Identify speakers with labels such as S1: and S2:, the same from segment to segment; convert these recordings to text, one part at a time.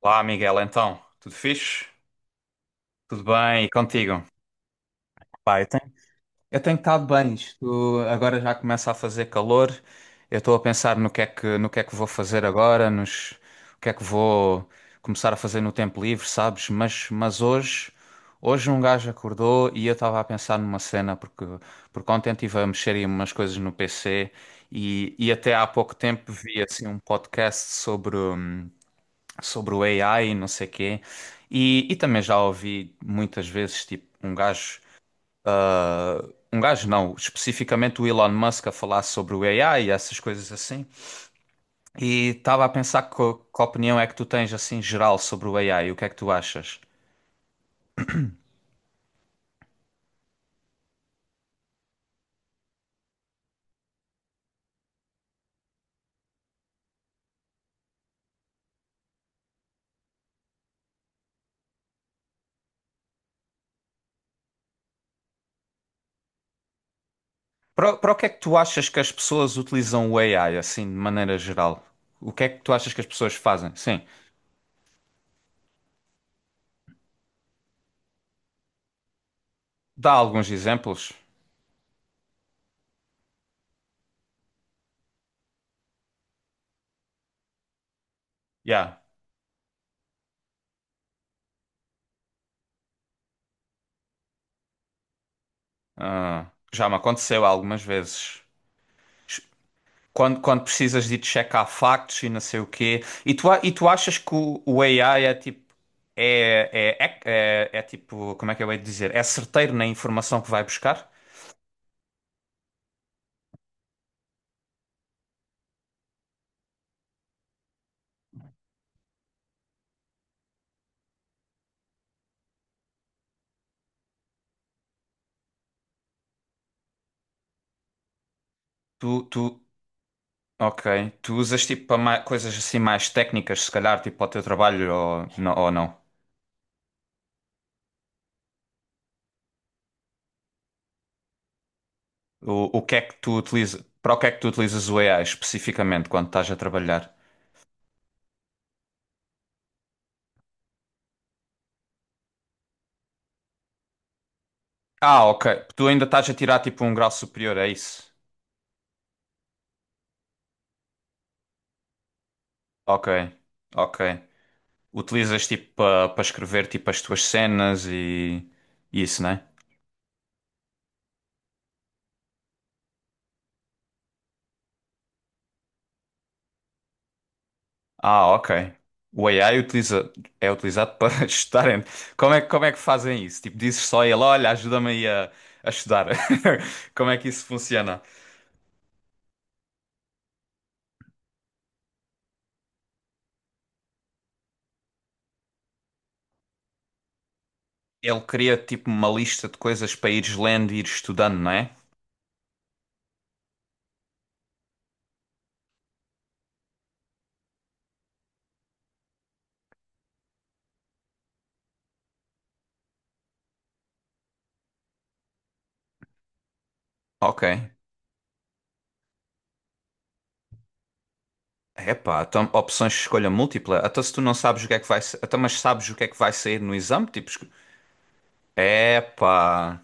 S1: Olá, Miguel, então, tudo fixe? Tudo bem? E contigo? Pá, eu tenho estado bem. Isto agora já começa a fazer calor. Eu estou a pensar no que é que vou fazer agora, o que é que vou começar a fazer no tempo livre, sabes? Mas hoje um gajo acordou e eu estava a pensar numa cena, porque ontem estive a mexer em umas coisas no PC e até há pouco tempo vi assim um podcast sobre o AI e não sei quê. E também já ouvi muitas vezes, tipo, um gajo não, especificamente o Elon Musk a falar sobre o AI e essas coisas assim. E estava a pensar que opinião é que tu tens, assim, geral sobre o AI, o que é que tu achas? Para o que é que tu achas que as pessoas utilizam o AI, assim, de maneira geral? O que é que tu achas que as pessoas fazem? Sim, dá alguns exemplos. Yeah. Ah, já me aconteceu algumas vezes. Quando precisas de ir checar factos e não sei o quê. E tu achas que o AI é tipo. É tipo. Como é que eu hei de dizer? É certeiro na informação que vai buscar? Tu, tu, ok. Tu usas tipo para coisas assim mais técnicas, se calhar, tipo para o teu trabalho ou, ou não? O que é que tu utilizas? Para o que é que tu utilizas o AI especificamente quando estás a trabalhar? Ah, ok. Tu ainda estás a tirar tipo um grau superior, é isso? Ok, ok. Utilizas tipo para escrever tipo as tuas cenas e isso, né? Ah, ok. O AI utiliza, é utilizado para estudar. Como é que fazem isso? Tipo, dizes só a ele, olha, ajuda-me aí a estudar. Como é que isso funciona? Ele cria tipo uma lista de coisas para ires lendo e ires estudando, não é? Ok. Epá, então opções de escolha múltipla. Até se tu não sabes o que é que vai, até mas sabes o que é que vai sair no exame, tipo, epá.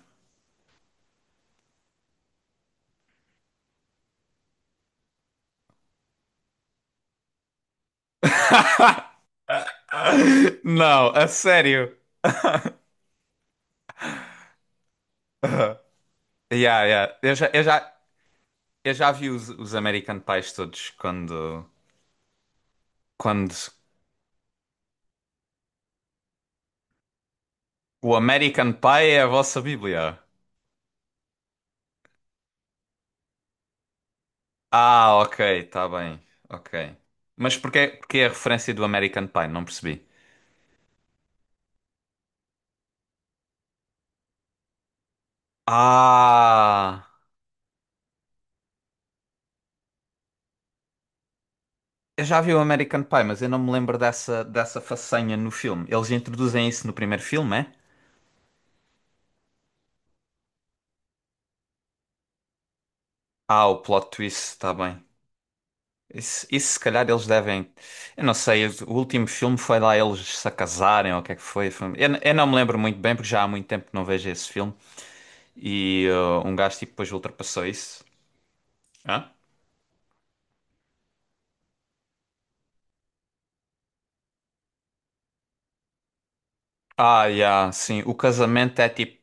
S1: Não, a sério. Yeah, yeah. Eu já vi os American Pies todos quando, quando o American Pie é a vossa Bíblia. Ah, ok, tá bem. Ok. Mas porquê a referência do American Pie? Não percebi. Ah, eu já vi o American Pie, mas eu não me lembro dessa façanha no filme. Eles introduzem isso no primeiro filme, é? Ah, o plot twist, tá bem. Isso se calhar eles devem. Eu não sei, o último filme foi lá eles se casarem ou o que é que foi. Eu não me lembro muito bem porque já há muito tempo que não vejo esse filme. E um gajo tipo, depois ultrapassou isso. Hã? Ah, yeah, sim. O casamento é tipo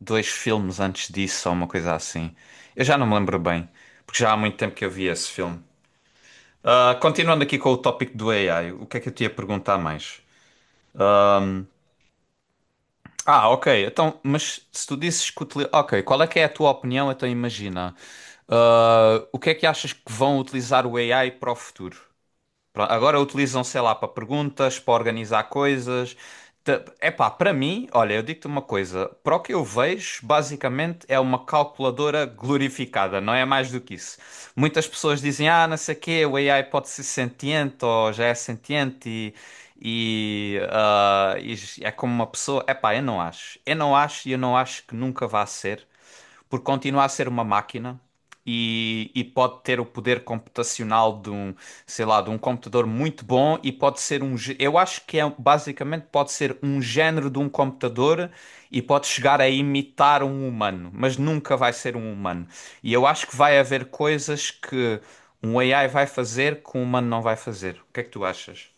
S1: dois filmes antes disso ou uma coisa assim. Eu já não me lembro bem porque já há muito tempo que eu vi esse filme. Ah, continuando aqui com o tópico do AI, o que é que eu te ia perguntar mais? Ah, ok. Então, mas se tu disses que utili... Ok, qual é que é a tua opinião? Então imagina. Ah, o que é que achas que vão utilizar o AI para o futuro? Pronto, agora utilizam, sei lá, para perguntas, para organizar coisas. Epá, para mim, olha, eu digo-te uma coisa, para o que eu vejo, basicamente é uma calculadora glorificada, não é mais do que isso. Muitas pessoas dizem, ah, não sei o quê, o AI pode ser sentiente ou já é sentiente e é como uma pessoa. Epá, eu não acho. Eu não acho e eu não acho que nunca vá ser, porque continua a ser uma máquina e pode ter o poder computacional de um, sei lá, de um computador muito bom e pode ser um, eu acho que é basicamente pode ser um género de um computador e pode chegar a imitar um humano, mas nunca vai ser um humano. E eu acho que vai haver coisas que um AI vai fazer que um humano não vai fazer. O que é que tu achas?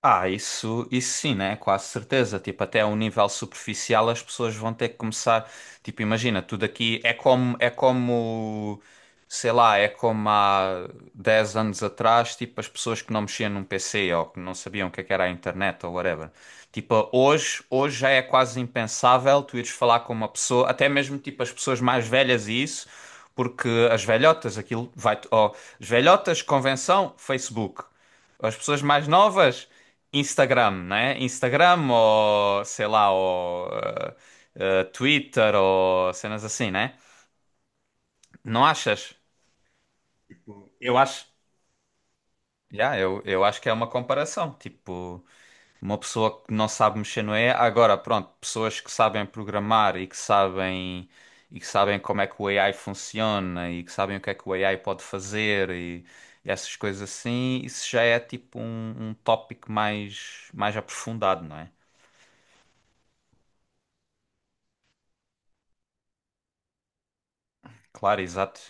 S1: Ah, isso sim, né? Quase certeza. Tipo, até a um nível superficial as pessoas vão ter que começar. Tipo, imagina, tudo aqui é como, sei lá, é como há 10 anos atrás, tipo, as pessoas que não mexiam num PC ou que não sabiam o que é que era a internet ou whatever. Tipo, hoje já é quase impensável tu ires falar com uma pessoa, até mesmo tipo as pessoas mais velhas e isso, porque as velhotas, aquilo vai, ó, as velhotas, convenção, Facebook. As pessoas mais novas, Instagram, né? Instagram ou, sei lá, ou Twitter ou cenas assim, né? Não achas? Eu acho. Já, eu acho que é uma comparação. Tipo, uma pessoa que não sabe mexer no AI, agora, pronto, pessoas que sabem programar e que sabem como é que o AI funciona e que sabem o que é que o AI pode fazer e essas coisas assim, isso já é tipo um tópico mais aprofundado, não é? Claro, exato.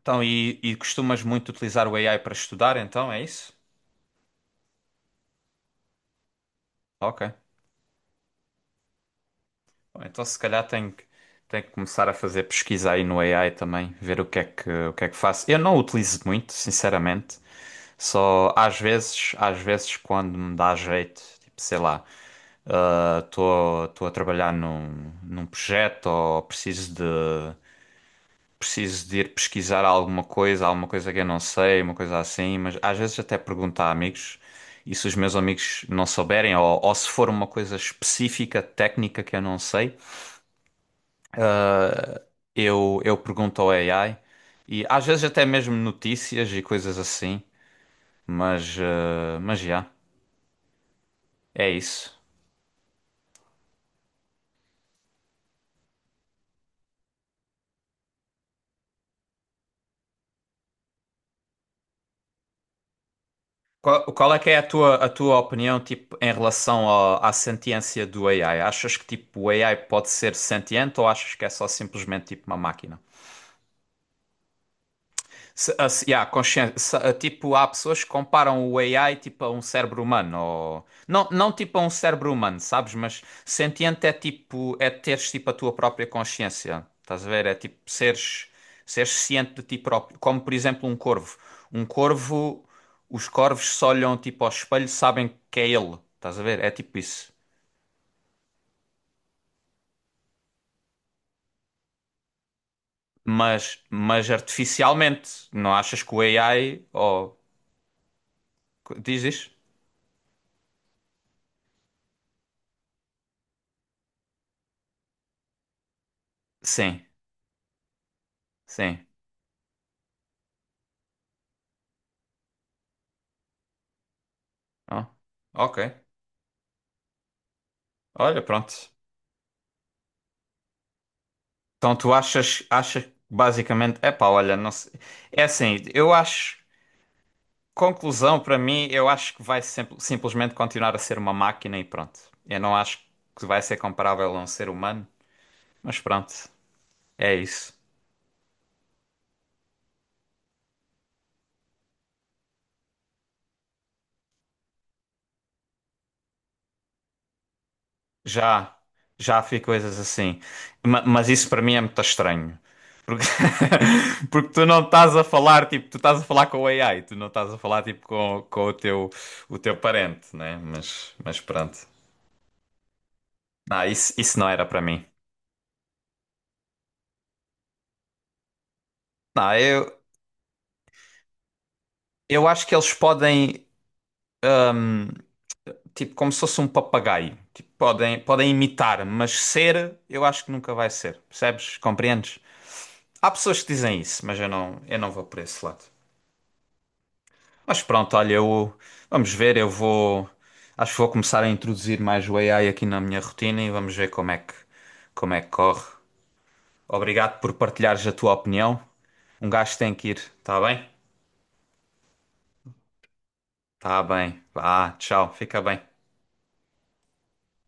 S1: Então, e costumas muito utilizar o AI para estudar, então, é isso? Ok. Bom, então, se calhar tenho que começar a fazer pesquisa aí no AI também, ver o que é que faço. Eu não o utilizo muito, sinceramente. Só às vezes, quando me dá jeito, tipo, sei lá, estou a trabalhar num projeto ou preciso de ir pesquisar alguma coisa que eu não sei, uma coisa assim, mas às vezes até pergunto a amigos. E se os meus amigos não souberem, ou se for uma coisa específica, técnica que eu não sei, eu pergunto ao AI. E às vezes até mesmo notícias e coisas assim. Mas já, é isso. Qual é que é a tua opinião, tipo, em relação à sentiência do AI? Achas que, tipo, o AI pode ser sentiente ou achas que é só simplesmente, tipo, uma máquina? Yeah, consciência, tipo, há pessoas que comparam o AI tipo a um cérebro humano, ou... não, não tipo a um cérebro humano, sabes? Mas sentiente é tipo, é teres tipo a tua própria consciência, estás a ver? É tipo seres ciente de ti próprio, como por exemplo um corvo. Um corvo, os corvos se olham tipo ao espelho, sabem que é ele, estás a ver? É tipo isso. Mas artificialmente, não achas que o AI, ou... Diz, diz? Sim, sim. Ah, ok. Olha, pronto. Então tu achas que basicamente, epá, olha, não sei. É assim, eu acho, conclusão para mim, eu acho que vai simplesmente continuar a ser uma máquina e pronto. Eu não acho que vai ser comparável a um ser humano, mas pronto, é isso. Já, já vi coisas assim. Mas isso para mim é muito estranho. Porque, porque tu não estás a falar, tipo, tu estás a falar com o AI, tu não estás a falar, tipo, com o teu parente, né? Mas pronto. Não, isso não era para mim. Não, eu acho que eles podem, tipo, como se fosse um papagaio. Tipo, podem imitar, mas ser, eu acho que nunca vai ser. Percebes? Compreendes? Há pessoas que dizem isso, mas eu não vou por esse lado. Mas pronto, olha, vamos ver, acho que vou começar a introduzir mais o AI aqui na minha rotina e vamos ver como é que corre. Obrigado por partilhares a tua opinião. Um gajo tem que ir, tá bem? Tá bem. Vá, tchau, fica bem.